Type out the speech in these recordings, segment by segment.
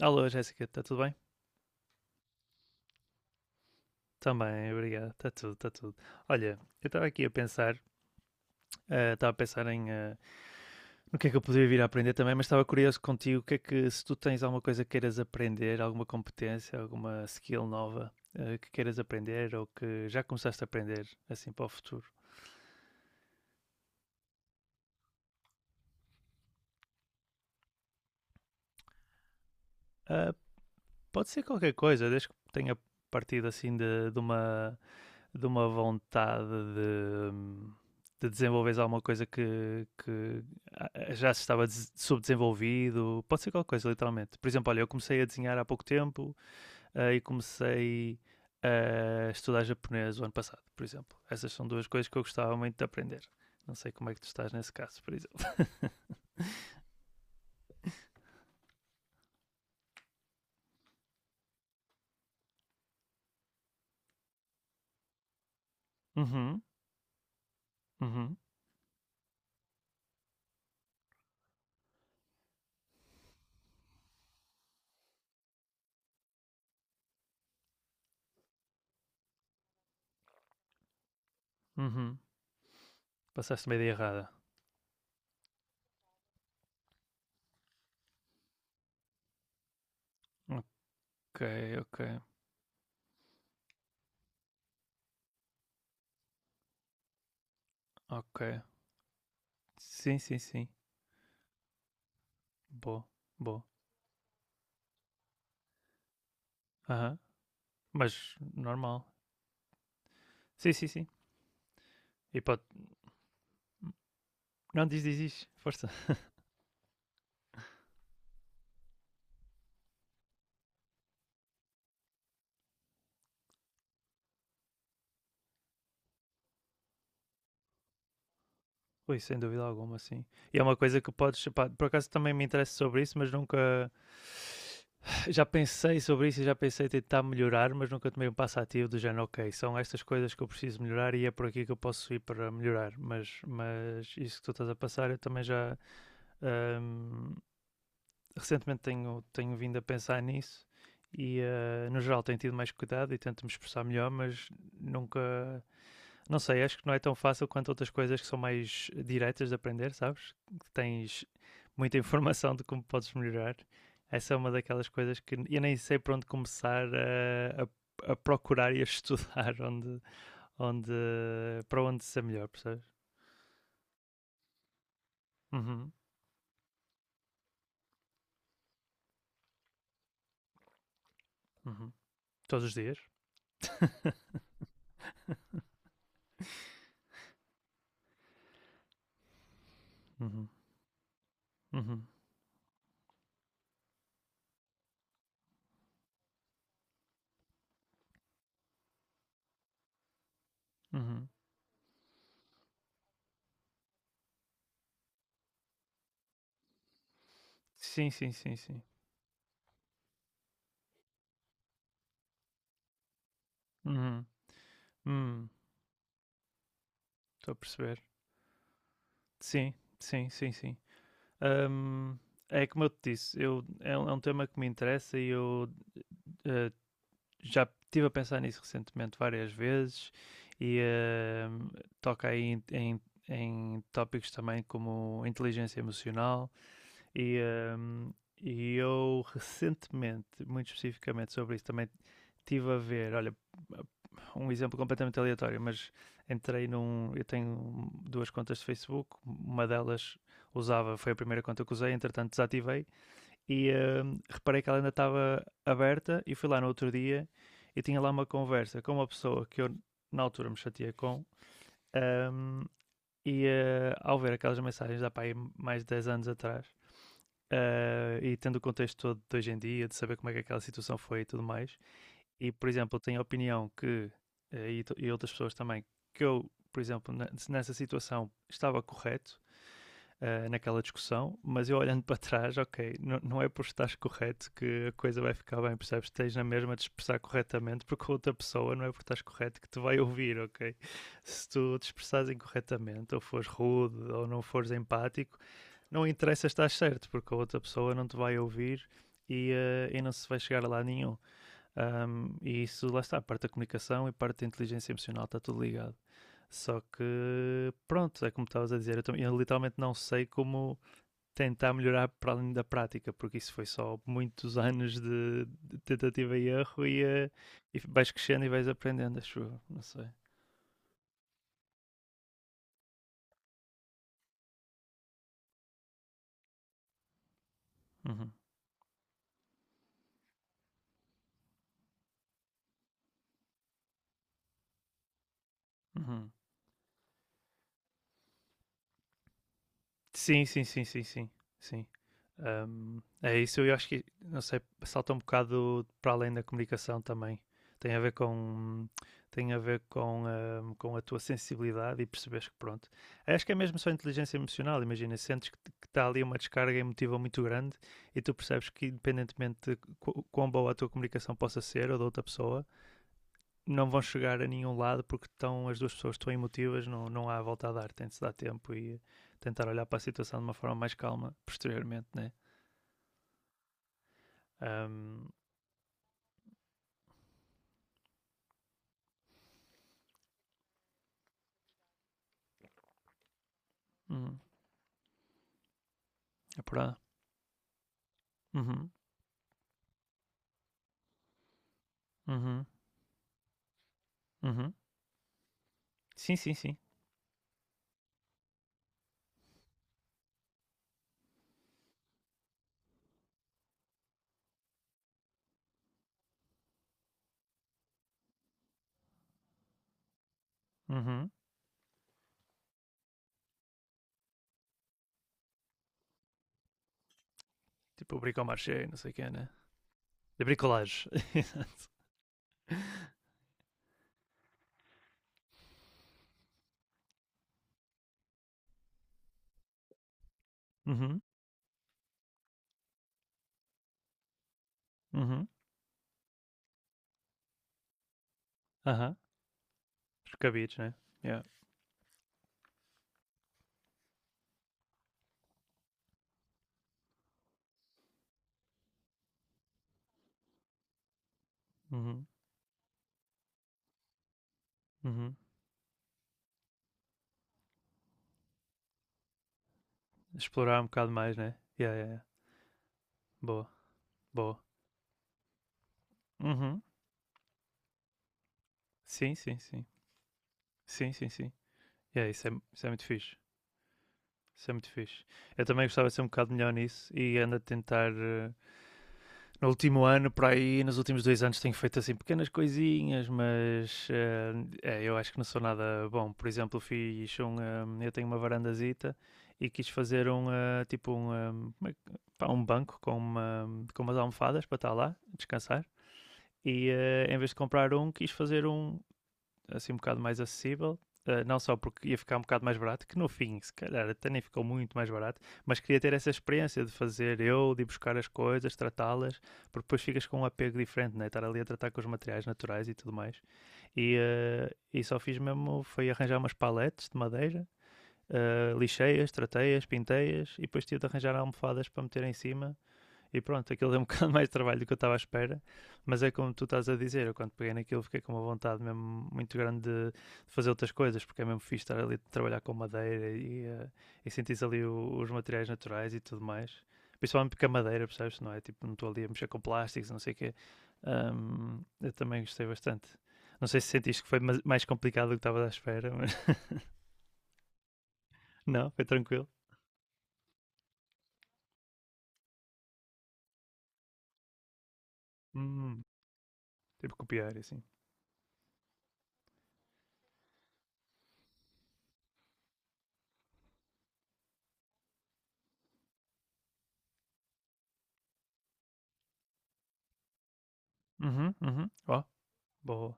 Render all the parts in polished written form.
Alô, Jéssica, está tudo bem? Também, obrigado. Está tudo, está tudo. Olha, eu estava aqui a pensar, estava a pensar em no que é que eu poderia vir a aprender também, mas estava curioso contigo, o que é que se tu tens alguma coisa que queiras aprender, alguma competência, alguma skill nova que queiras aprender ou que já começaste a aprender assim para o futuro? Ah, pode ser qualquer coisa, desde que tenha partido assim de uma vontade de, de desenvolveres alguma coisa que já se estava subdesenvolvido, pode ser qualquer coisa, literalmente. Por exemplo, olha, eu comecei a desenhar há pouco tempo e comecei a estudar japonês o ano passado, por exemplo. Essas são duas coisas que eu gostava muito de aprender. Não sei como é que tu estás nesse caso, por exemplo. Uhum, uhum, uhum. Passaste uma ideia errada. Ok, ok, ok. Sim, sim, sim. Boa, boa. Aham. Mas normal. Sim, sim, sim. E pode. Não, diz, diz, diz. Força. Ui, sem dúvida alguma, sim. E é uma coisa que podes. Pá, por acaso também me interessa sobre isso, mas nunca. Já pensei sobre isso e já pensei em tentar melhorar, mas nunca tomei um passo ativo do género, ok, são estas coisas que eu preciso melhorar e é por aqui que eu posso ir para melhorar. Mas isso que tu estás a passar, eu também já ahm, recentemente tenho vindo a pensar nisso e no geral tenho tido mais cuidado e tento me expressar melhor, mas nunca. Não sei, acho que não é tão fácil quanto outras coisas que são mais diretas de aprender, sabes? Que tens muita informação de como podes melhorar. Essa é uma daquelas coisas que eu nem sei por onde começar a procurar e a estudar onde, para onde ser melhor, percebes? Uhum, uhum. Todos os dias? Uhum, uhum, uhum. Sim, sim, sim, sim. Uhum. Hum, Estou a perceber. Sim, sim, sim, sim. Ahm, É como eu te disse, é um tema que me interessa e eu eh, já estive a pensar nisso recentemente várias vezes e toca aí em, em tópicos também como inteligência emocional e, eh, e eu recentemente, muito especificamente sobre isso, também estive a ver, olha, um exemplo completamente aleatório, mas entrei num. Eu tenho duas contas de Facebook, uma delas usava, foi a primeira conta que usei, entretanto desativei e reparei que ela ainda estava aberta e fui lá no outro dia e tinha lá uma conversa com uma pessoa que eu na altura me chateei com hum, ao ver aquelas mensagens da pai mais de 10 anos atrás e tendo o contexto todo de hoje em dia, de saber como é que aquela situação foi e tudo mais, e por exemplo, tenho a opinião que, e outras pessoas também, que eu, por exemplo, nessa situação estava correto naquela discussão, mas eu olhando para trás, ok, não é por estares correto que a coisa vai ficar bem, percebes? Tens na mesma de expressar corretamente, porque a outra pessoa não é por estares correto que te vai ouvir, ok? Se tu te expressares incorretamente, ou fores rude, ou não fores empático, não interessa estar certo, porque a outra pessoa não te vai ouvir e, e não se vai chegar a lado nenhum. E isso lá está, parte da comunicação e parte da inteligência emocional está tudo ligado. Só que, pronto, é como estavas a dizer, eu literalmente não sei como tentar melhorar para além da prática, porque isso foi só muitos anos de tentativa e erro e vais crescendo e vais aprendendo, acho eu, não sei. Uhum, uhum. Sim, sim, sim, sim, sim, sim. É isso, eu acho que, não sei, salta um bocado para além da comunicação também. Tem a ver com a tua sensibilidade e perceberes que pronto. Acho que é mesmo só inteligência emocional, imagina, sentes que está ali uma descarga emotiva muito grande e tu percebes que independentemente de quão boa a tua comunicação possa ser ou da outra pessoa, não vão chegar a nenhum lado porque as duas pessoas estão emotivas, não, não há volta a dar, tem de se dar tempo e tentar olhar para a situação de uma forma mais calma posteriormente, né? Um, hum, É por lá. Uhum, uhum, uhum. Sim, sim, sim. Uhum. Tipo o bricomarché, não sei o que, né? De bricolage. Uhum, uhum, aham. Os cabides, né? Yeah. Uhum, uhum. Explorar um bocado mais, né? Yeah, yeah, yeah. Boa, boa. Uhum. Sim, sim, sim. Sim, sim, sim. Yeah, isso é muito fixe. Isso é muito fixe. Eu também gostava de ser um bocado melhor nisso e ando a tentar. No último ano, por aí, nos últimos dois anos, tenho feito assim pequenas coisinhas, mas eu acho que não sou nada bom. Por exemplo, fiz um. Eu tenho uma varandazita e quis fazer um. Tipo um. Pá, um banco com, uma, com umas almofadas para estar lá, descansar. E em vez de comprar um, quis fazer um, assim um bocado mais acessível. Não só porque ia ficar um bocado mais barato, que no fim, se calhar, até nem ficou muito mais barato, mas queria ter essa experiência de fazer eu, de ir buscar as coisas, tratá-las, porque depois ficas com um apego diferente, né? Estar ali a tratar com os materiais naturais e tudo mais. E só fiz mesmo, foi arranjar umas paletes de madeira, lixei-as, tratei-as, pintei-as, e depois tive de arranjar almofadas para meter em cima, e pronto, aquilo deu um bocado mais de trabalho do que eu estava à espera, mas é como tu estás a dizer, eu quando peguei naquilo fiquei com uma vontade mesmo muito grande de fazer outras coisas, porque é mesmo fixe estar ali a trabalhar com madeira e sentir ali os materiais naturais e tudo mais. Principalmente porque a madeira, percebes? Não é tipo, não estou ali a mexer com plásticos, não sei o quê. Eu também gostei bastante. Não sei se sentiste que foi mais complicado do que estava à espera, mas não, foi tranquilo. Hum, tipo copiar e assim. Uhum, uhum. Ó, boa.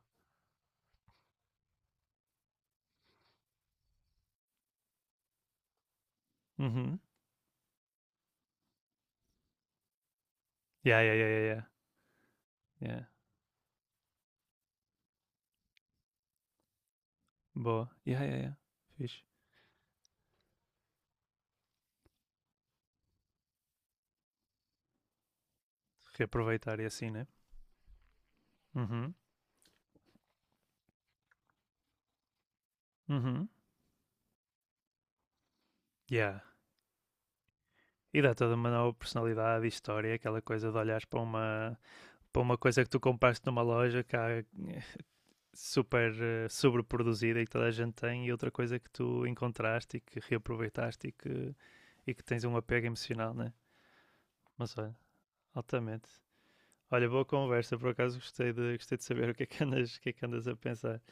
Uhum. Yeah, yeah, yeah, yeah, yeah. Yeah. Boa. Yeah, yeah, yeah. Fixe. Reaproveitar e assim, né? Uhum. Uhum. Yeah. E dá toda uma nova personalidade e história, aquela coisa de olhares para uma coisa que tu compraste numa loja que cá super sobreproduzida e que toda a gente tem, e outra coisa que tu encontraste e que reaproveitaste e que tens um apego emocional, né? Mas olha, altamente. Olha, boa conversa, por acaso gostei de saber o que é que andas, o que é que andas a pensar.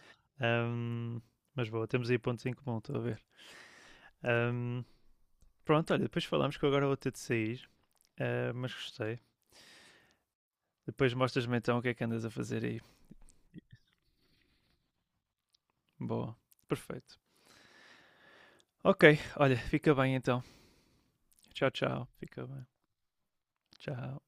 Ahm, mas boa, temos aí pontos em comum, estou a ver. Ahm, Pronto, olha, depois falamos que eu agora vou ter de sair, mas gostei. Depois mostras-me então o que é que andas a fazer aí. Boa, perfeito. Ok, olha, fica bem então. Tchau, tchau. Fica bem. Tchau.